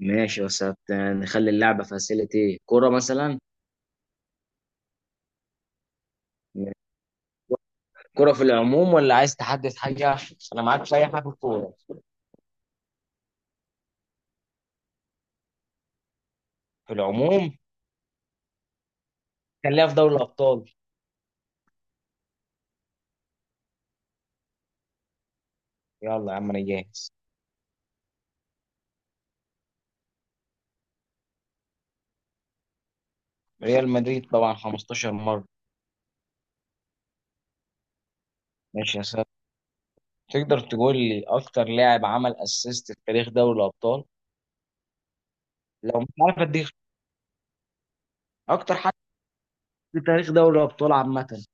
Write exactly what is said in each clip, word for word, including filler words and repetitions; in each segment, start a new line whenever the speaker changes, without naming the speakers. ماشي بس هت- نخلي اللعبة فاسيلتي كرة مثلا. كرة في العموم ولا عايز تحدد حاجة؟ أنا معاك في أي حاجة في الكورة. في العموم. خليها في دوري الأبطال. يلا يا عم أنا جاهز. ريال مدريد طبعا خمستاشر مرة. ماشي يا ساتر. تقدر تقول لي أكتر لاعب عمل أسيست في تاريخ دوري الأبطال؟ لو مش عارف أديك. أكتر حد في تاريخ دوري الأبطال عامة.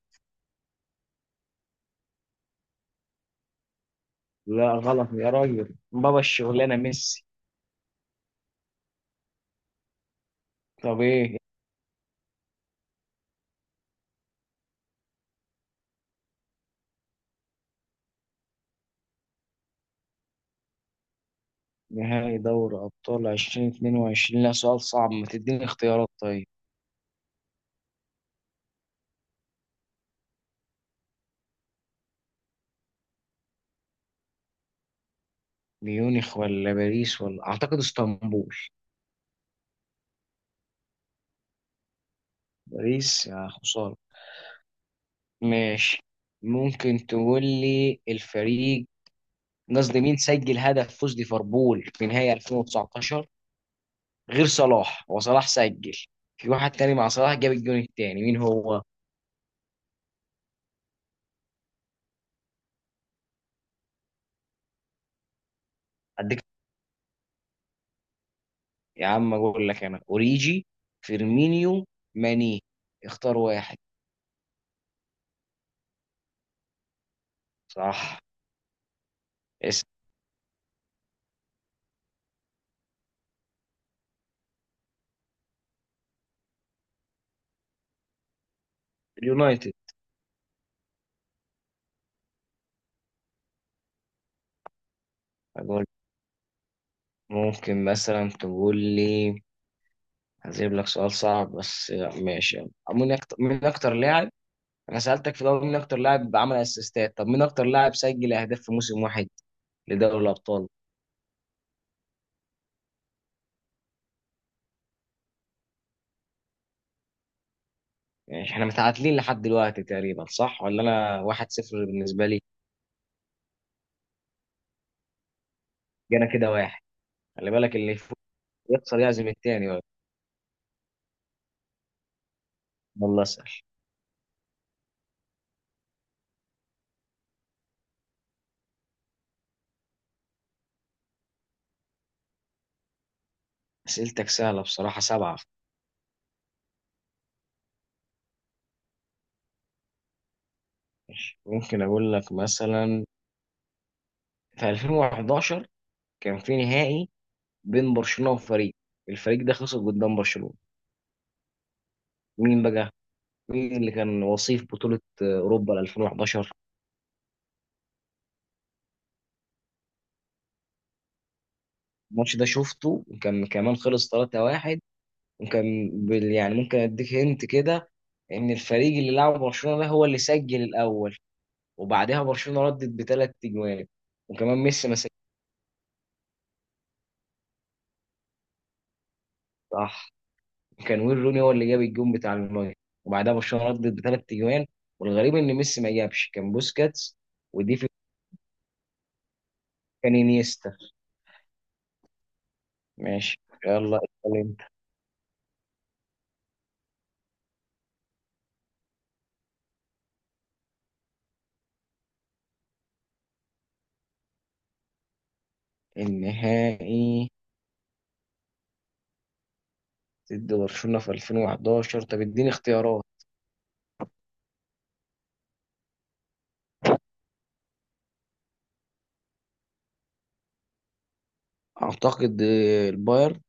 لا غلط يا راجل، بابا الشغلانة ميسي. طب إيه؟ نهائي دوري أبطال ألفين واتنين وعشرين، لا سؤال صعب، ما تديني اختيارات طيب. ميونخ ولا باريس، ولا أعتقد اسطنبول. باريس يا خسارة. ماشي. ممكن تقول لي الفريق، قصدي مين سجل هدف فوز ليفربول في نهائي ألفين وتسعة عشر غير صلاح؟ هو صلاح سجل، في واحد تاني مع صلاح جاب الجون التاني، مين هو؟ أديك. يا عم أقول لك أنا أوريجي، فيرمينيو، ماني، اختار واحد. صح. اسم. اليونايتد. ممكن مثلا تقول لي، هجيب لك سؤال صعب بس، ماشي. مين اكتر مين اكتر لاعب، انا سألتك في الاول مين اكتر لاعب عمل اسيستات، طب مين اكتر لاعب سجل اهداف في موسم واحد لدوري الابطال؟ يعني احنا متعادلين لحد دلوقتي تقريبا صح، ولا انا واحد صفر بالنسبة لي. جانا كده واحد. خلي بالك اللي يفوز يخسر، يعزم التاني بقى. والله اسأل. اسئلتك سهلة بصراحة. سبعة. ممكن اقول لك مثلا، في ألفين وحداشر كان في نهائي بين برشلونة وفريق، الفريق ده خسر قدام برشلونة، مين بقى؟ مين اللي كان وصيف بطولة أوروبا ألفين وحداشر؟ الماتش ده شفته وكان كمان خلص ثلاثة واحد، وكان بال... يعني ممكن أديك هنت كده، إن الفريق اللي لعب برشلونة ده هو اللي سجل الأول، وبعدها برشلونة ردت بثلاث أجوان، وكمان ميسي ما سجلش. صح. وكان وين روني هو اللي جاب الجون بتاع المجر، وبعدها برشلونة ردت بثلاث أجوان، والغريب إن ميسي ما جابش، كان بوسكاتس. ودي في، كان انيستا. ماشي، يلا اسأل انت. النهائي ضد برشلونة في ألفين وحداشر؟ طب اديني اختيارات. اعتقد آه، البايرن.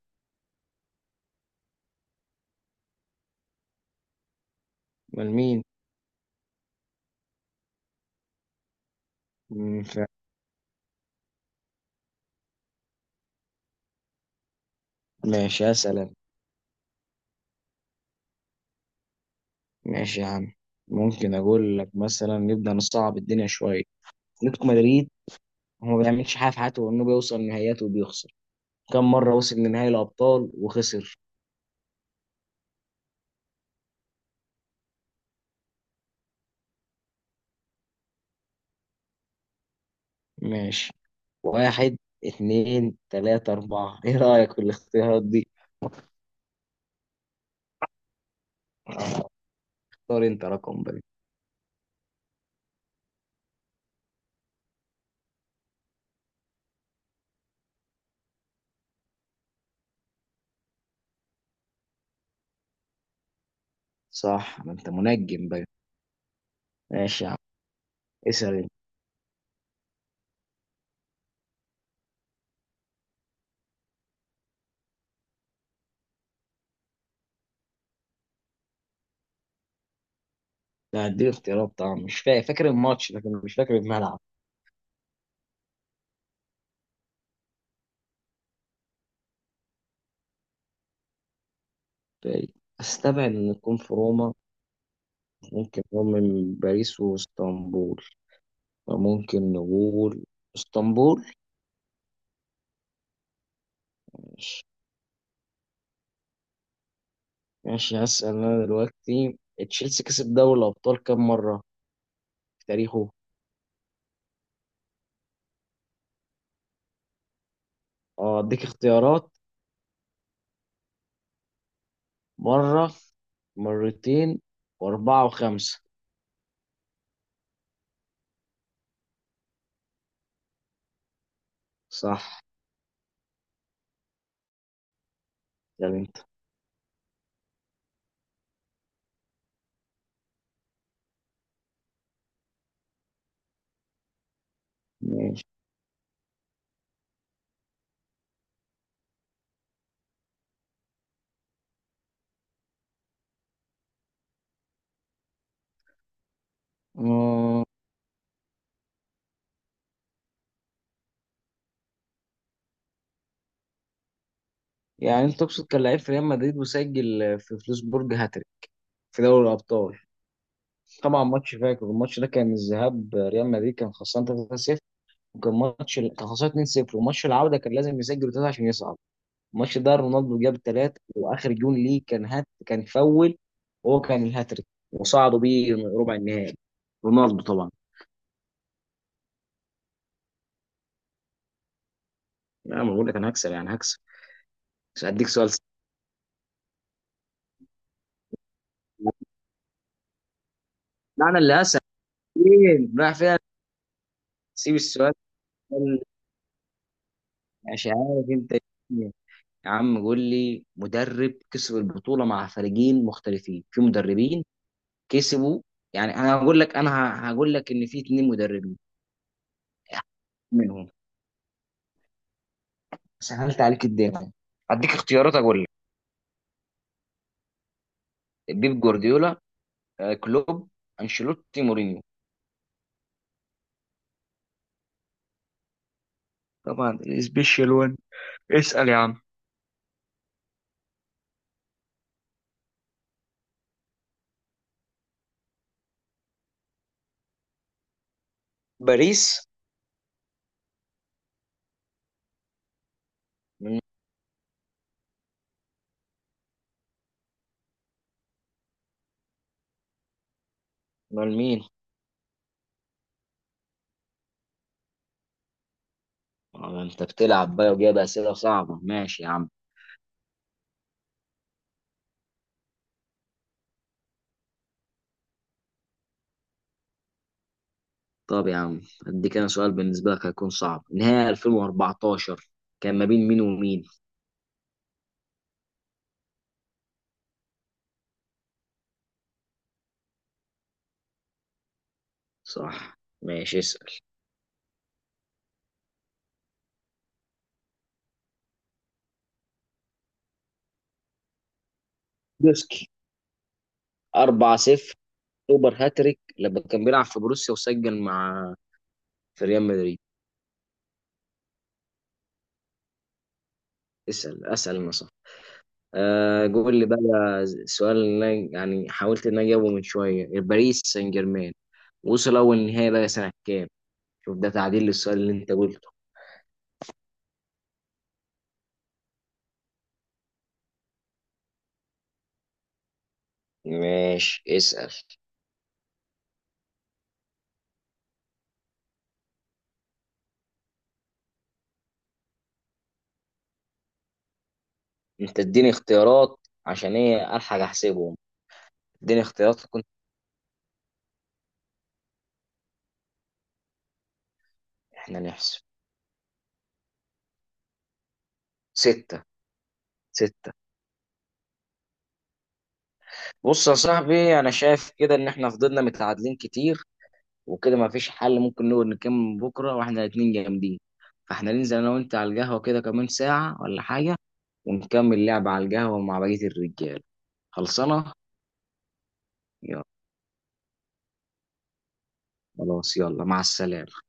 امال مين؟ مم، ف- ماشي اسأل انا. ماشي يا عم. ممكن اقول لك مثلا نبدأ نصعب الدنيا شوية. اتلتيكو مدريد، هو ما بيعملش حاجة في حياته غير انه بيوصل نهائيات وبيخسر، كم مرة وصل لنهائي الابطال وخسر؟ ماشي. واحد، اتنين، تلاتة، أربعة، إيه رأيك في الاختيارات دي؟ اختار أنت رقم بقى. صح، ما أنت منجم بقى. ماشي. اسأل انت. لا اديني اختيارات طبعا، مش فاكر فاكر الماتش لكن مش فاكر الملعب. استبعد ان نكون في روما، ممكن نكون من باريس واسطنبول، فممكن نقول اسطنبول. ماشي. ماشي هسأل انا دلوقتي. تشيلسي كسب دوري الابطال كام مرة في تاريخه؟ اه اديك اختيارات: مرة، مرتين، واربعة، وخمسة. صح. يعني انت. ماشي. آه، يعني انت تقصد كان لعيب في ريال مدريد وسجل في فلوسبورج؟ هات. في دوري الابطال طبعا، ماتش فاكر الماتش ده كان الذهاب ريال مدريد كان خسران تلاتة صفر، وكان ماتش كان خسران اتنين صفر، وماتش العوده كان لازم يسجل ثلاثه عشان يصعد. الماتش ده رونالدو جاب ثلاثه، واخر جون ليه كان هات كان فول، وهو كان الهاتريك، وصعدوا بيه ربع النهائي. رونالدو طبعا. لا ما بقول لك انا هكسب؟ يعني هكسب. مش هديك سؤال سهل. لا انا اللي هسأل، فين رايح فين. سيب السؤال ده. مش عارف انت إيه. يا عم قول لي مدرب كسب البطولة مع فريقين مختلفين؟ في مدربين كسبوا، يعني انا هقول لك، انا ه- هقول لك ان في اتنين مدربين منهم، سهلت عليك الدنيا، هديك اختيارات اقول لك: بيب جوارديولا، آه، كلوب، انشيلوتي، مورينيو. طبعا سبيشال وان. اسأل يا عم. باريس. من. من مين؟ آه، انت بتلعب بقى وجايب اسئله صعبه. ماشي يا عم. طب يا عم اديك انا سؤال بالنسبه لك هيكون صعب، نهائي ألفين وأربعتاشر كان ما بين مين ومين؟ صح. ماشي اسأل. دوسكي. أربعة صفر سوبر هاتريك لما كان بيلعب في بروسيا، وسجل مع في ريال مدريد. اسأل. اسأل انا صح. آه قول لي بقى. السؤال اللي أنا يعني حاولت ان انا اجاوبه من شويه، باريس سان جيرمان وصل اول نهائي بقى سنه كام؟ شوف ده تعديل للسؤال اللي انت قلته. ماشي اسأل انت. اديني اختيارات عشان ايه الحق احسبهم. اديني اختيارات كنت احنا نحسب. ستة. ستة. بص يا صاحبي انا شايف كده ان احنا فضلنا متعادلين كتير، وكده ما فيش حل، ممكن نقول نكمل بكره واحنا الاتنين جامدين، فاحنا ننزل انا وانت على القهوه كده كمان ساعه ولا حاجه، ونكمل لعب على القهوه مع بقيه الرجال. خلصانه. يلا. خلاص يلا مع السلامه.